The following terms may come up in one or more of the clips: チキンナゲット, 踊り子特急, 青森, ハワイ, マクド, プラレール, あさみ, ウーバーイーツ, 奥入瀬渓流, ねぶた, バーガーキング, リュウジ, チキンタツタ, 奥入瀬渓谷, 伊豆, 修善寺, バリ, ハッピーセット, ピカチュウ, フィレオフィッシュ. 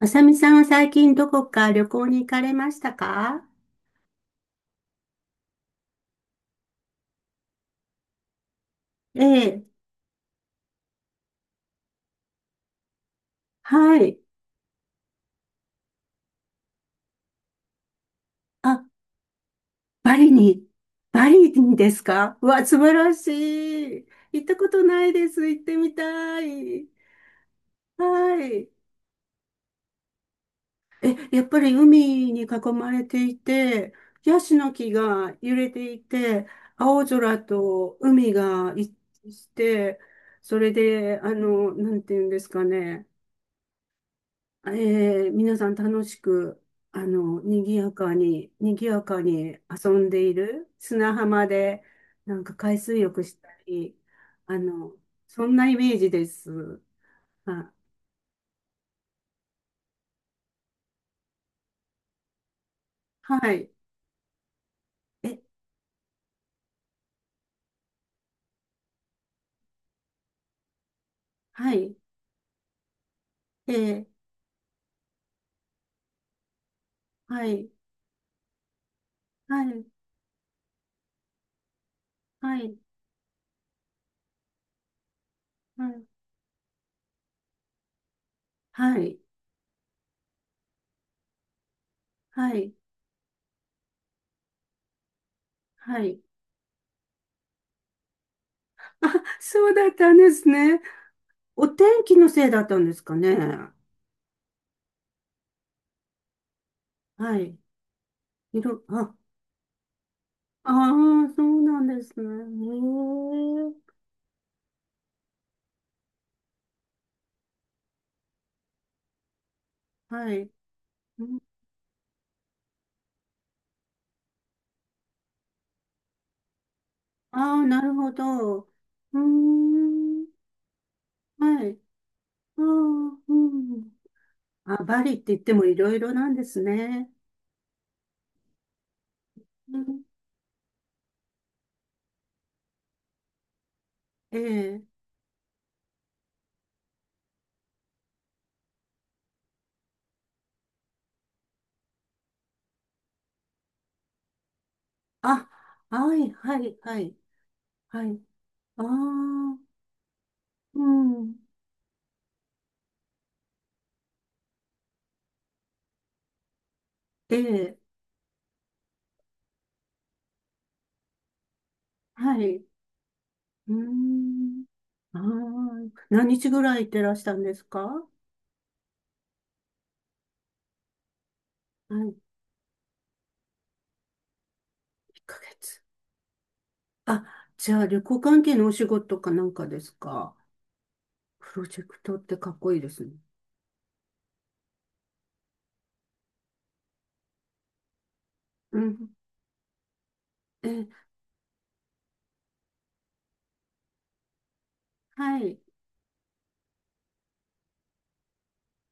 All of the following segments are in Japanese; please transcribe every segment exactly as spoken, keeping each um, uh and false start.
あさみさんは最近どこか旅行に行かれましたか？ええ、はい。あ、バリに。バリにですか。うわ、素晴らしい。行ったことないです。行ってみたい。はい。え、やっぱり海に囲まれていて、ヤシの木が揺れていて、青空と海が一致して、それで、あの、なんていうんですかね。えー皆さん楽しく、あの、賑やかに、賑やかに遊んでいる砂浜で、なんか海水浴したり、あの、そんなイメージです。あ、はい。え、はい。えー、はい。はい。はい。はい。はい。はい。はい。あ、そうだったんですね。お天気のせいだったんですかね。はい。いろ、あ、ああ、そうなんですね。へえ、はい。ああー、なるほど。うーん。はい。ああ、うん。あ、バリって言ってもいろいろなんですね。うん、ええ。あ、はい、はい、はい。はい。ああ、うん。ええ。はい。うーん。ああ、何日ぐらい行ってらしたんですか？はい、いっかげつ。あ、じゃあ旅行関係のお仕事かなんかですか？プロジェクトってかっこいいですね。うん。え、はい、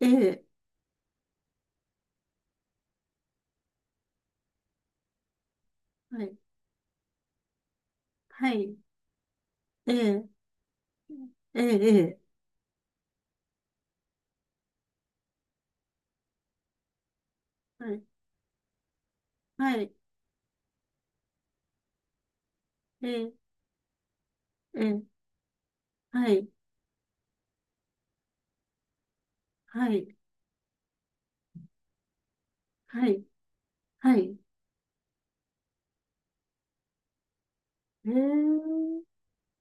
ええ、はい、はい、ええ、ええ、ええ、はい、はい、ええ、ええ、はい、はい、はい、はい、ええ、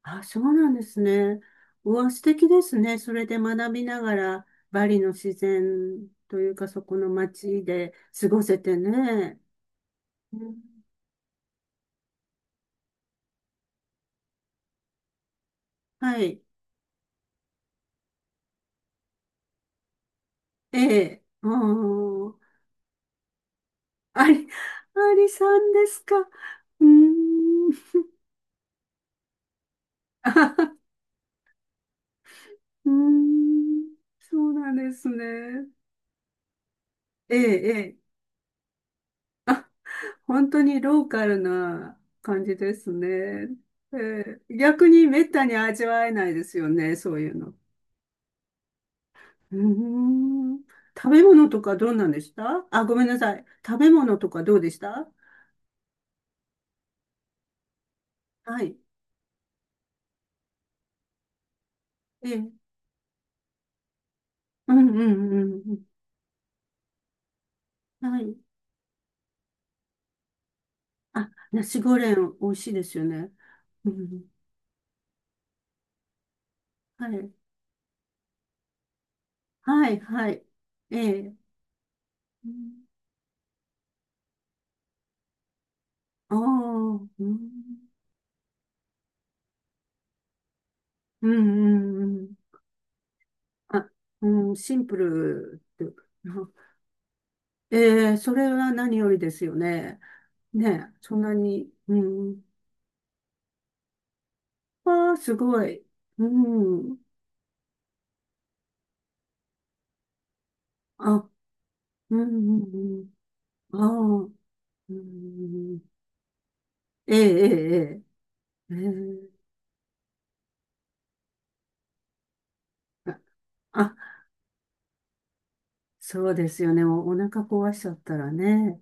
あ、そうなんですね。うわ、素敵ですね。それで学びながら、バリの自然というか、そこの街で過ごせてね。うん、はい、ええ、うん、あり、ありさんですか。うーん。うーん、そうなんですね。ええ、ええ。本当にローカルな感じですね。ええ、逆にめったに味わえないですよね、そういうの。うーん。食べ物とかどうなんでした？あ、ごめんなさい。食べ物とかどうでした？はい。ええ。うんうんうん。うん。はい。あ、ナシゴレン美味しいですよね。うん。はい。はいはい。ええ。うん。ああ、うんうんうん。うん。あ、うん、シンプルっていうか。ええ、それは何よりですよね。ねえ、そんなに。うん。ああ、すごい。うん。あ、うんうんうん。ああ、うん。ええええええ。ええ、あ、あ、そうですよね。お、お腹壊しちゃったらね。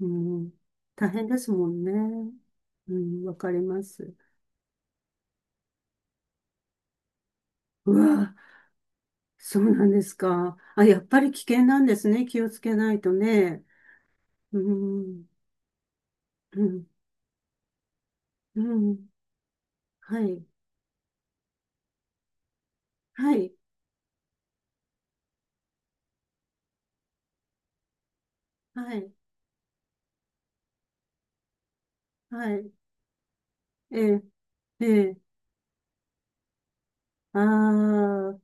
うん。大変ですもんね。うん、わかります。うわ、そうなんですか。あ、やっぱり危険なんですね。気をつけないとね。うん、うん、うん。はい、はい、はい、はい。ええ、ええ。ああ、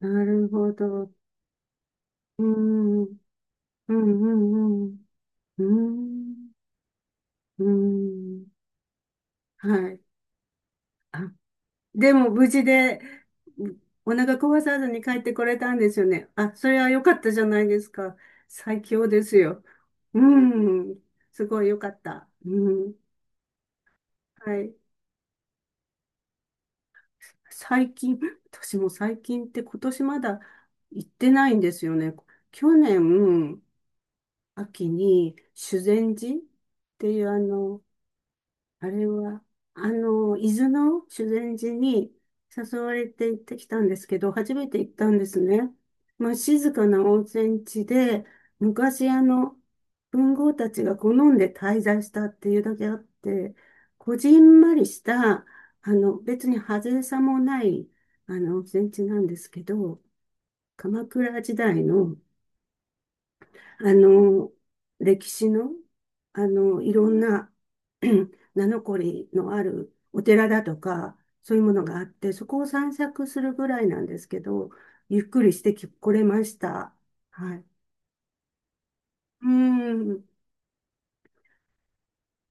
なるほど。うん、うん、うん、うん。うん、うん。はい。あ、でも無事で、お腹壊さずに帰ってこれたんですよね。あ、それは良かったじゃないですか。最強ですよ。うん。すごい良かった。うん。はい。最近、私も最近って今年まだ行ってないんですよね。去年、秋に修善寺っていうあの、あれは、あの、伊豆の修善寺に誘われて行ってきたんですけど、初めて行ったんですね。まあ、静かな温泉地で、昔あの、文豪たちが好んで滞在したっていうだけあって、こじんまりした、あの、別に派手さもない、あの、温泉地なんですけど、鎌倉時代のあの、歴史の、あの、いろんな 名残のあるお寺だとか、そういうものがあって、そこを散策するぐらいなんですけど、ゆっくりしてき、来れました。はい。うん。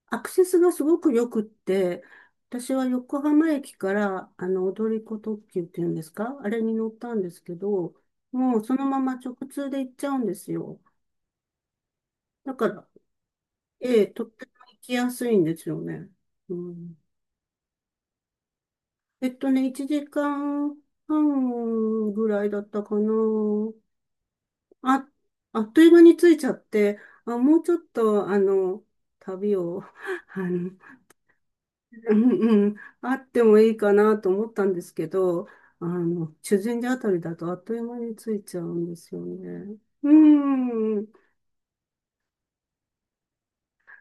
アクセスがすごく良くって、私は横浜駅から、あの、踊り子特急っていうんですか、あれに乗ったんですけど、もうそのまま直通で行っちゃうんですよ。だから、ええ、とっても行きやすいんですよね。うん、えっとね、いちじかんはんぐらいだったかな。あ、あっという間に着いちゃって、あ、もうちょっと、あの、旅を、あの、うんうん、あってもいいかなと思ったんですけど、あの、修善寺あたりだとあっという間に着いちゃうんですよね。うん。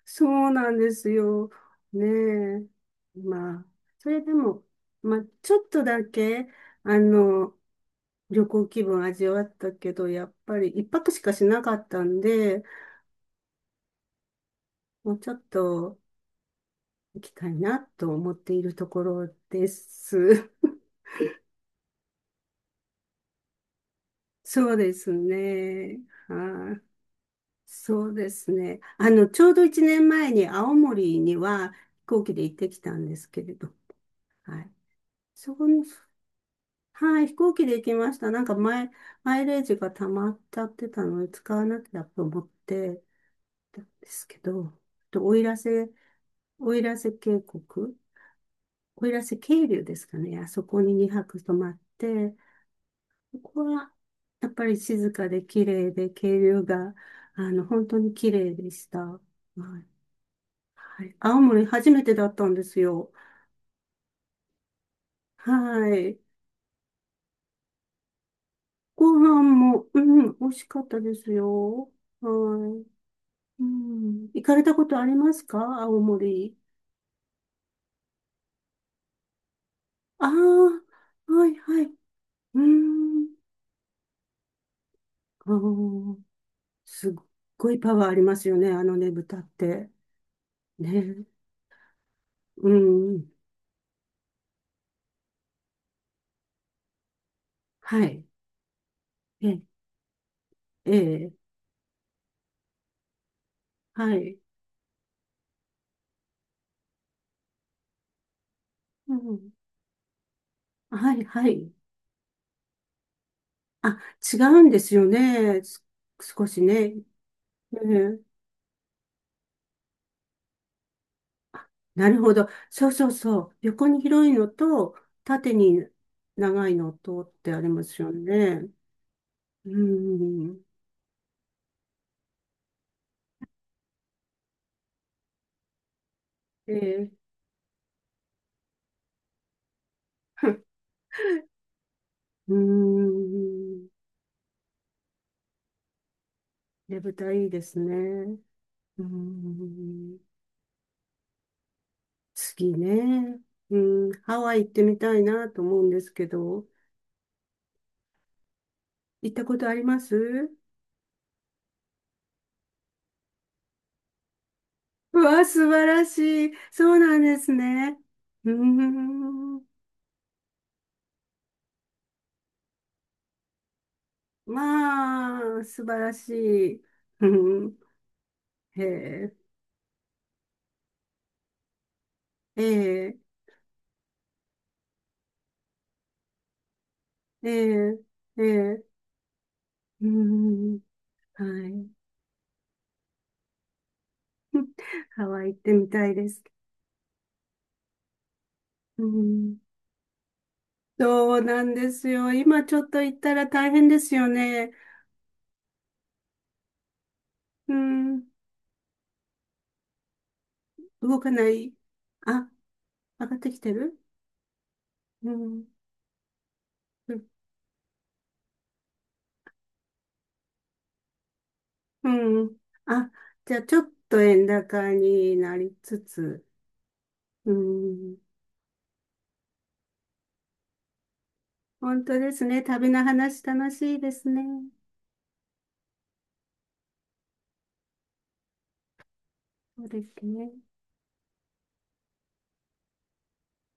そうなんですよ。ねえ。まあ、それでも、まあ、ちょっとだけ、あの、旅行気分味わったけど、やっぱり一泊しかしなかったんで、もうちょっと行きたいなと思っているところです。そうですね。はい。そうですね。あの、ちょうどいちねんまえに青森には飛行機で行ってきたんですけれど、はい。そこの、はい、飛行機で行きました。なんか前、マイレージが溜まっちゃってたので、使わなきゃと思ってたんですけど、と奥入瀬、奥入瀬渓谷、奥入瀬渓流ですかね。あそこににはく泊まって、ここはやっぱり静かで綺麗で、渓流が、あの、本当に綺麗でした。はい。はい、青森初めてだったんですよ。はい。ご飯も、うん、美味しかったですよ。はい。うん。行かれたことありますか、青森。ああ、はいはい。うん。あー、すっごいパワーありますよね。あのね、豚って。ね。うん。はい。え、ええ、はい。うん。はいはい。あ、違うんですよね。す、少しね。ねえ、あ、なるほど。そうそうそう。横に広いのと、縦に長いのとってありますよね。うん。ええ、 うーん。ねぶたいいですね。うーん。次ね。うん。ハワイ行ってみたいなと思うんですけど。行ったことあります？うわ、素晴らしい。そうなんですね。うーん。まあ、素晴らしい。うん。へえ。ええ。ええ。ええ。うーん。はい。ハワイ行ってみたいです。うん。そうなんですよ。今ちょっと行ったら大変ですよね。うん、動かない。あ、上がってきてる。うん、うん。うん、あ、じゃあちょっと円高になりつつ。うん、本当ですね。旅の話楽しいですね。そうですね。